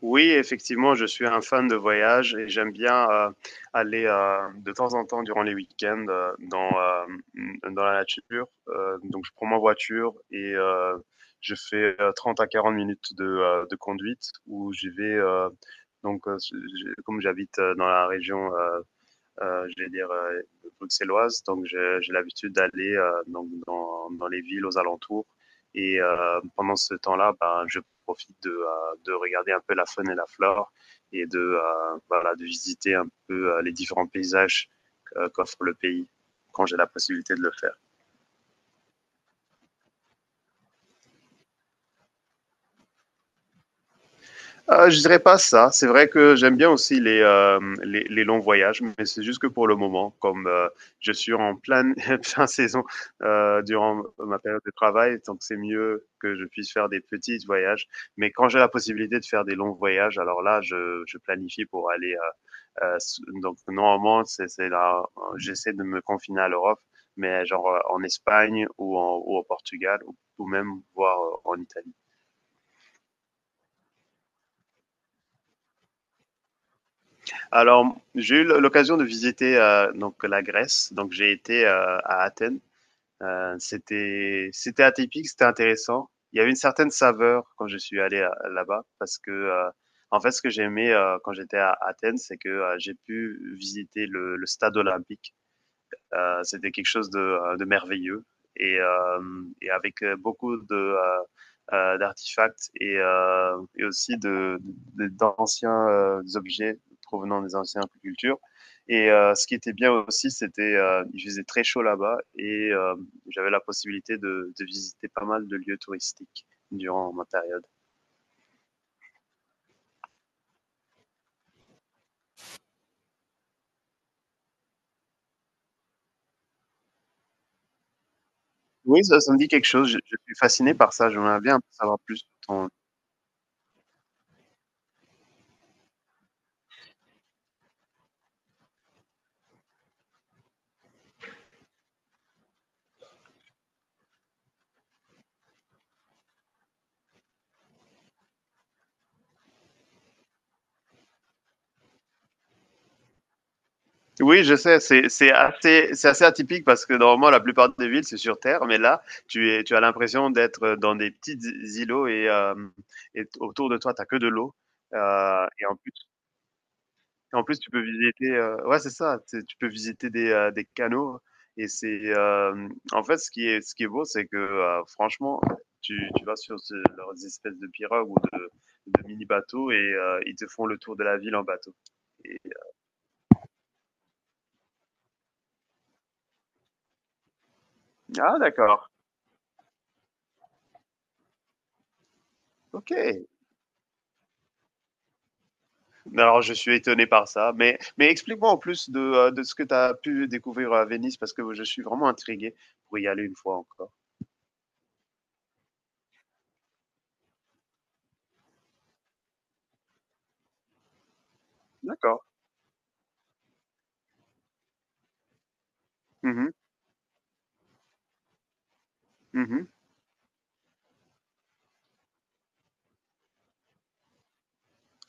Oui, effectivement, je suis un fan de voyage et j'aime bien aller de temps en temps durant les week-ends dans la nature. Donc, je prends ma voiture et je fais 30 à 40 minutes de conduite où j'y vais. Comme j'habite dans la région je vais dire, bruxelloise. Donc, j'ai l'habitude d'aller donc dans les villes aux alentours. Et pendant ce temps-là, ben, je profite de regarder un peu la faune et la flore et voilà, de visiter un peu les différents paysages qu'offre le pays quand j'ai la possibilité de le faire. Je dirais pas ça. C'est vrai que j'aime bien aussi les longs voyages, mais c'est juste que pour le moment, comme je suis en pleine fin saison durant ma période de travail, donc c'est mieux que je puisse faire des petits voyages. Mais quand j'ai la possibilité de faire des longs voyages, alors là, je planifie pour aller. Donc normalement, c'est là, j'essaie de me confiner à l'Europe, mais genre en Espagne ou au Portugal ou même voir en Italie. Alors, j'ai eu l'occasion de visiter donc la Grèce. Donc, j'ai été à Athènes. C'était atypique, c'était intéressant. Il y avait une certaine saveur quand je suis allé là-bas parce que en fait, ce que j'aimais quand j'étais à Athènes, c'est que j'ai pu visiter le stade olympique. C'était quelque chose de merveilleux et, avec beaucoup de d'artefacts et, aussi d'anciens objets provenant des anciennes cultures. Et ce qui était bien aussi, c'était il faisait très chaud là-bas et j'avais la possibilité de visiter pas mal de lieux touristiques durant ma période. Oui, ça me dit quelque chose. Je suis fasciné par ça. J'aimerais bien en savoir plus sur ton, Oui, je sais, c'est assez atypique parce que normalement la plupart des villes c'est sur terre, mais là tu as l'impression d'être dans des petits îlots et, autour de toi t'as que de l'eau. Et en plus, tu peux visiter, ouais c'est ça, tu peux visiter des canaux et c'est en fait ce qui est beau c'est que franchement tu vas sur leurs espèces de pirogues ou de mini bateaux et ils te font le tour de la ville en bateau. Et- ah d'accord, ok. Alors, je suis étonné par ça. Mais, explique-moi en plus de ce que tu as pu découvrir à Venise, parce que je suis vraiment intrigué pour y aller une fois encore. D'accord. Mhm, mhm.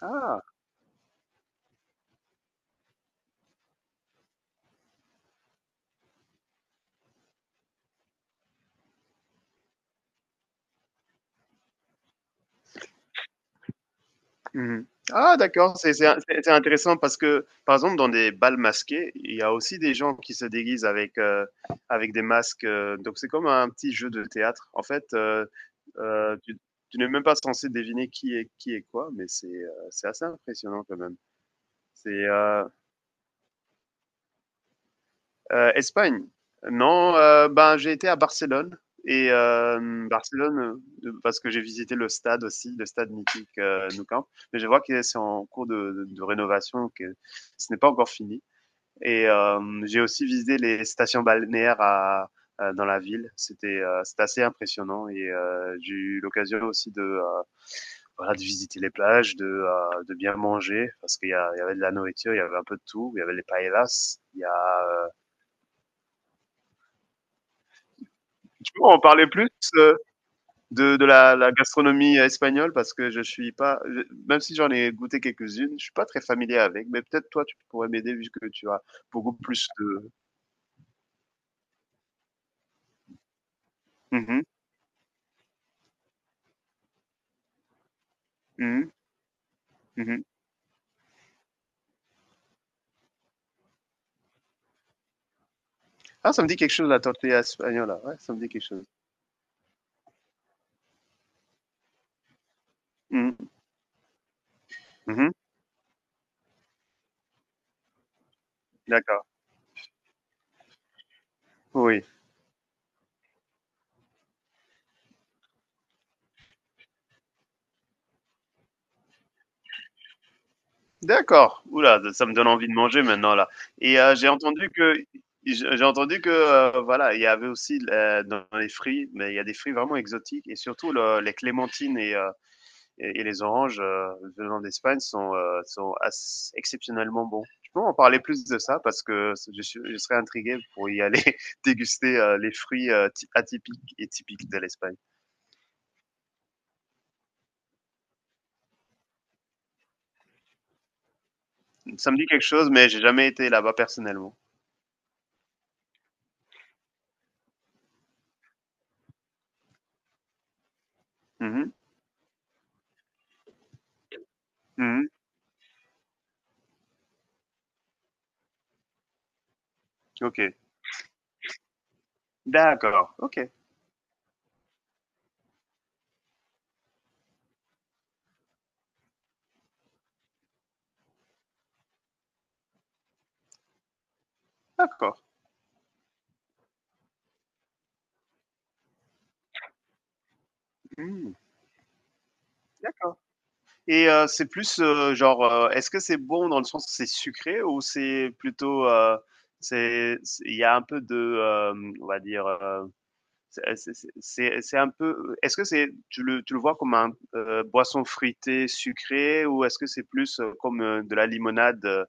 Ah, mhm. Ah, d'accord. C'est intéressant parce que, par exemple, dans des balles masqués, il y a aussi des gens qui se déguisent avec des masques. Donc, c'est comme un petit jeu de théâtre. En fait, euh, tu, tu n'es même pas censé deviner qui est quoi, mais c'est assez impressionnant quand même. C'est. Espagne. Non, ben, j'ai été à Barcelone. Et Barcelone, parce que j'ai visité le stade aussi, le stade mythique Nou Camp. Mais je vois que c'est en cours de rénovation, que ce n'est pas encore fini. Et j'ai aussi visité les stations balnéaires dans la ville. C'était assez impressionnant et j'ai eu l'occasion aussi voilà, de visiter les plages, de bien manger parce qu' il y avait de la nourriture, il y avait un peu de tout. Il y avait les paellas, il y a euh, Tu peux en parler plus euh, de la gastronomie espagnole parce que je suis pas, même si j'en ai goûté quelques-unes, je suis pas très familier avec, mais peut-être toi tu pourrais m'aider vu que tu as beaucoup plus de. Mhm, mhm, mhm. Ah, ça me dit quelque chose la tortilla espagnole, hein. Ouais, ça me dit quelque chose. Mhm, mhm, d'accord, oui. D'accord. Oula, ça me donne envie de manger maintenant là. Et j'ai entendu que voilà, il y avait aussi dans les fruits, mais il y a des fruits vraiment exotiques et surtout les clémentines et, les oranges venant d'Espagne sont assez, exceptionnellement bons. Je peux en parler plus de ça parce que je serais intrigué pour y aller déguster les fruits atypiques et typiques de l'Espagne. Ça me dit quelque chose, mais j'ai jamais été là-bas personnellement. Mhm. Mhm. Ok. D'accord. Ok. D'accord. Mm. D'accord. Et c'est plus genre, est-ce que c'est bon dans le sens que c'est sucré ou c'est plutôt, il y a un peu on va dire, C'est c'est un peu est-ce que c'est tu le vois comme un, boisson fruitée sucrée ou est-ce que c'est plus, comme, de la limonade,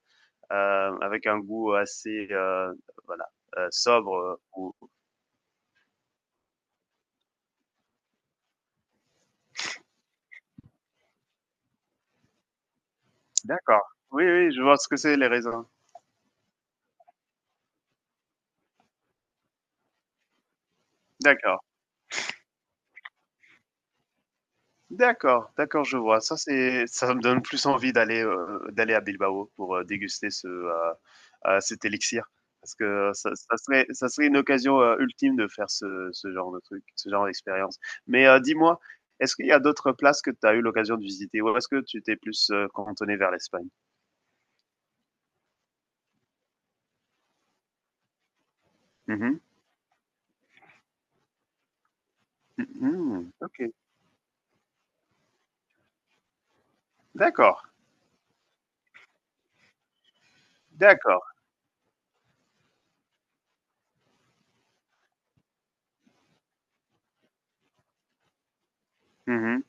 avec un goût assez, voilà, sobre, ou d'accord. Oui, oui, je vois ce que c'est les raisins. D'accord. D'accord, d'accord, je vois. Ça me donne plus envie d'aller, d'aller à Bilbao pour, déguster cet élixir. Parce que ça serait une occasion, ultime de faire ce genre de truc, ce genre d'expérience. Mais, dis-moi, est-ce qu'il y a d'autres places que tu as eu l'occasion de visiter ou est-ce que tu t'es plus, cantonné vers l'Espagne? Mhm. Mh. Mmh. OK. D'accord, d'accord. Mhm.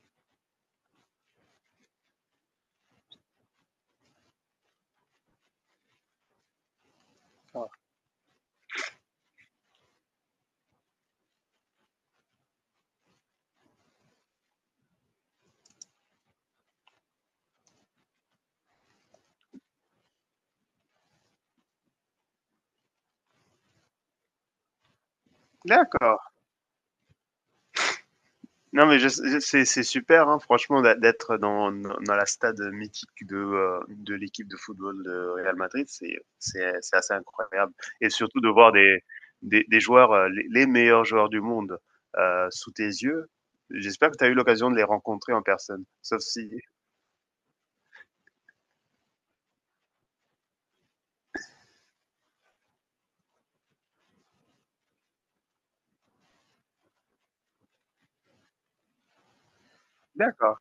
D'accord. Non, mais c'est super, hein, franchement, d'être dans la stade mythique de l'équipe de football de Real Madrid, c'est assez incroyable. Et surtout de voir des joueurs, les meilleurs joueurs du monde sous tes yeux. J'espère que tu as eu l'occasion de les rencontrer en personne. Sauf si. D'accord.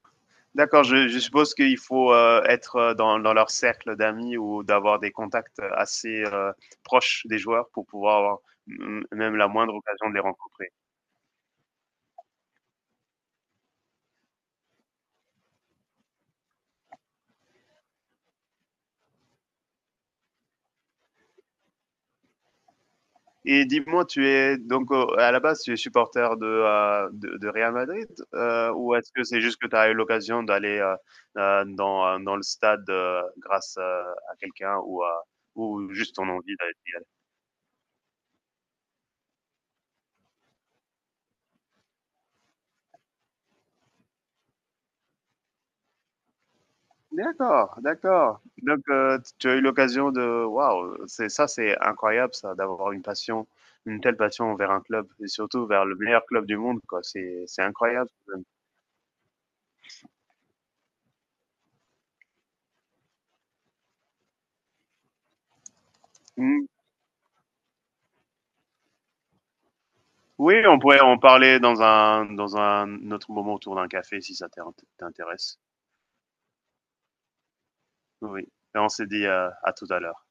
D'accord, je suppose qu'il faut être dans leur cercle d'amis ou d'avoir des contacts assez proches des joueurs pour pouvoir avoir même la moindre occasion de les rencontrer. Et dis-moi, tu es donc à la base, tu es supporter de Real Madrid ou est-ce que c'est juste que tu as eu l'occasion d'aller dans le stade grâce à quelqu'un ou juste ton envie d'y aller? D'accord, d'accord. Donc, tu as eu l'occasion de... Waouh, c'est ça, c'est incroyable, ça, d'avoir une passion, une telle passion vers un club et surtout vers le meilleur club du monde, quoi. C'est incroyable. Oui, on pourrait en parler dans un autre moment autour d'un café si ça t'intéresse. Oui, et on s'est dit à tout à l'heure.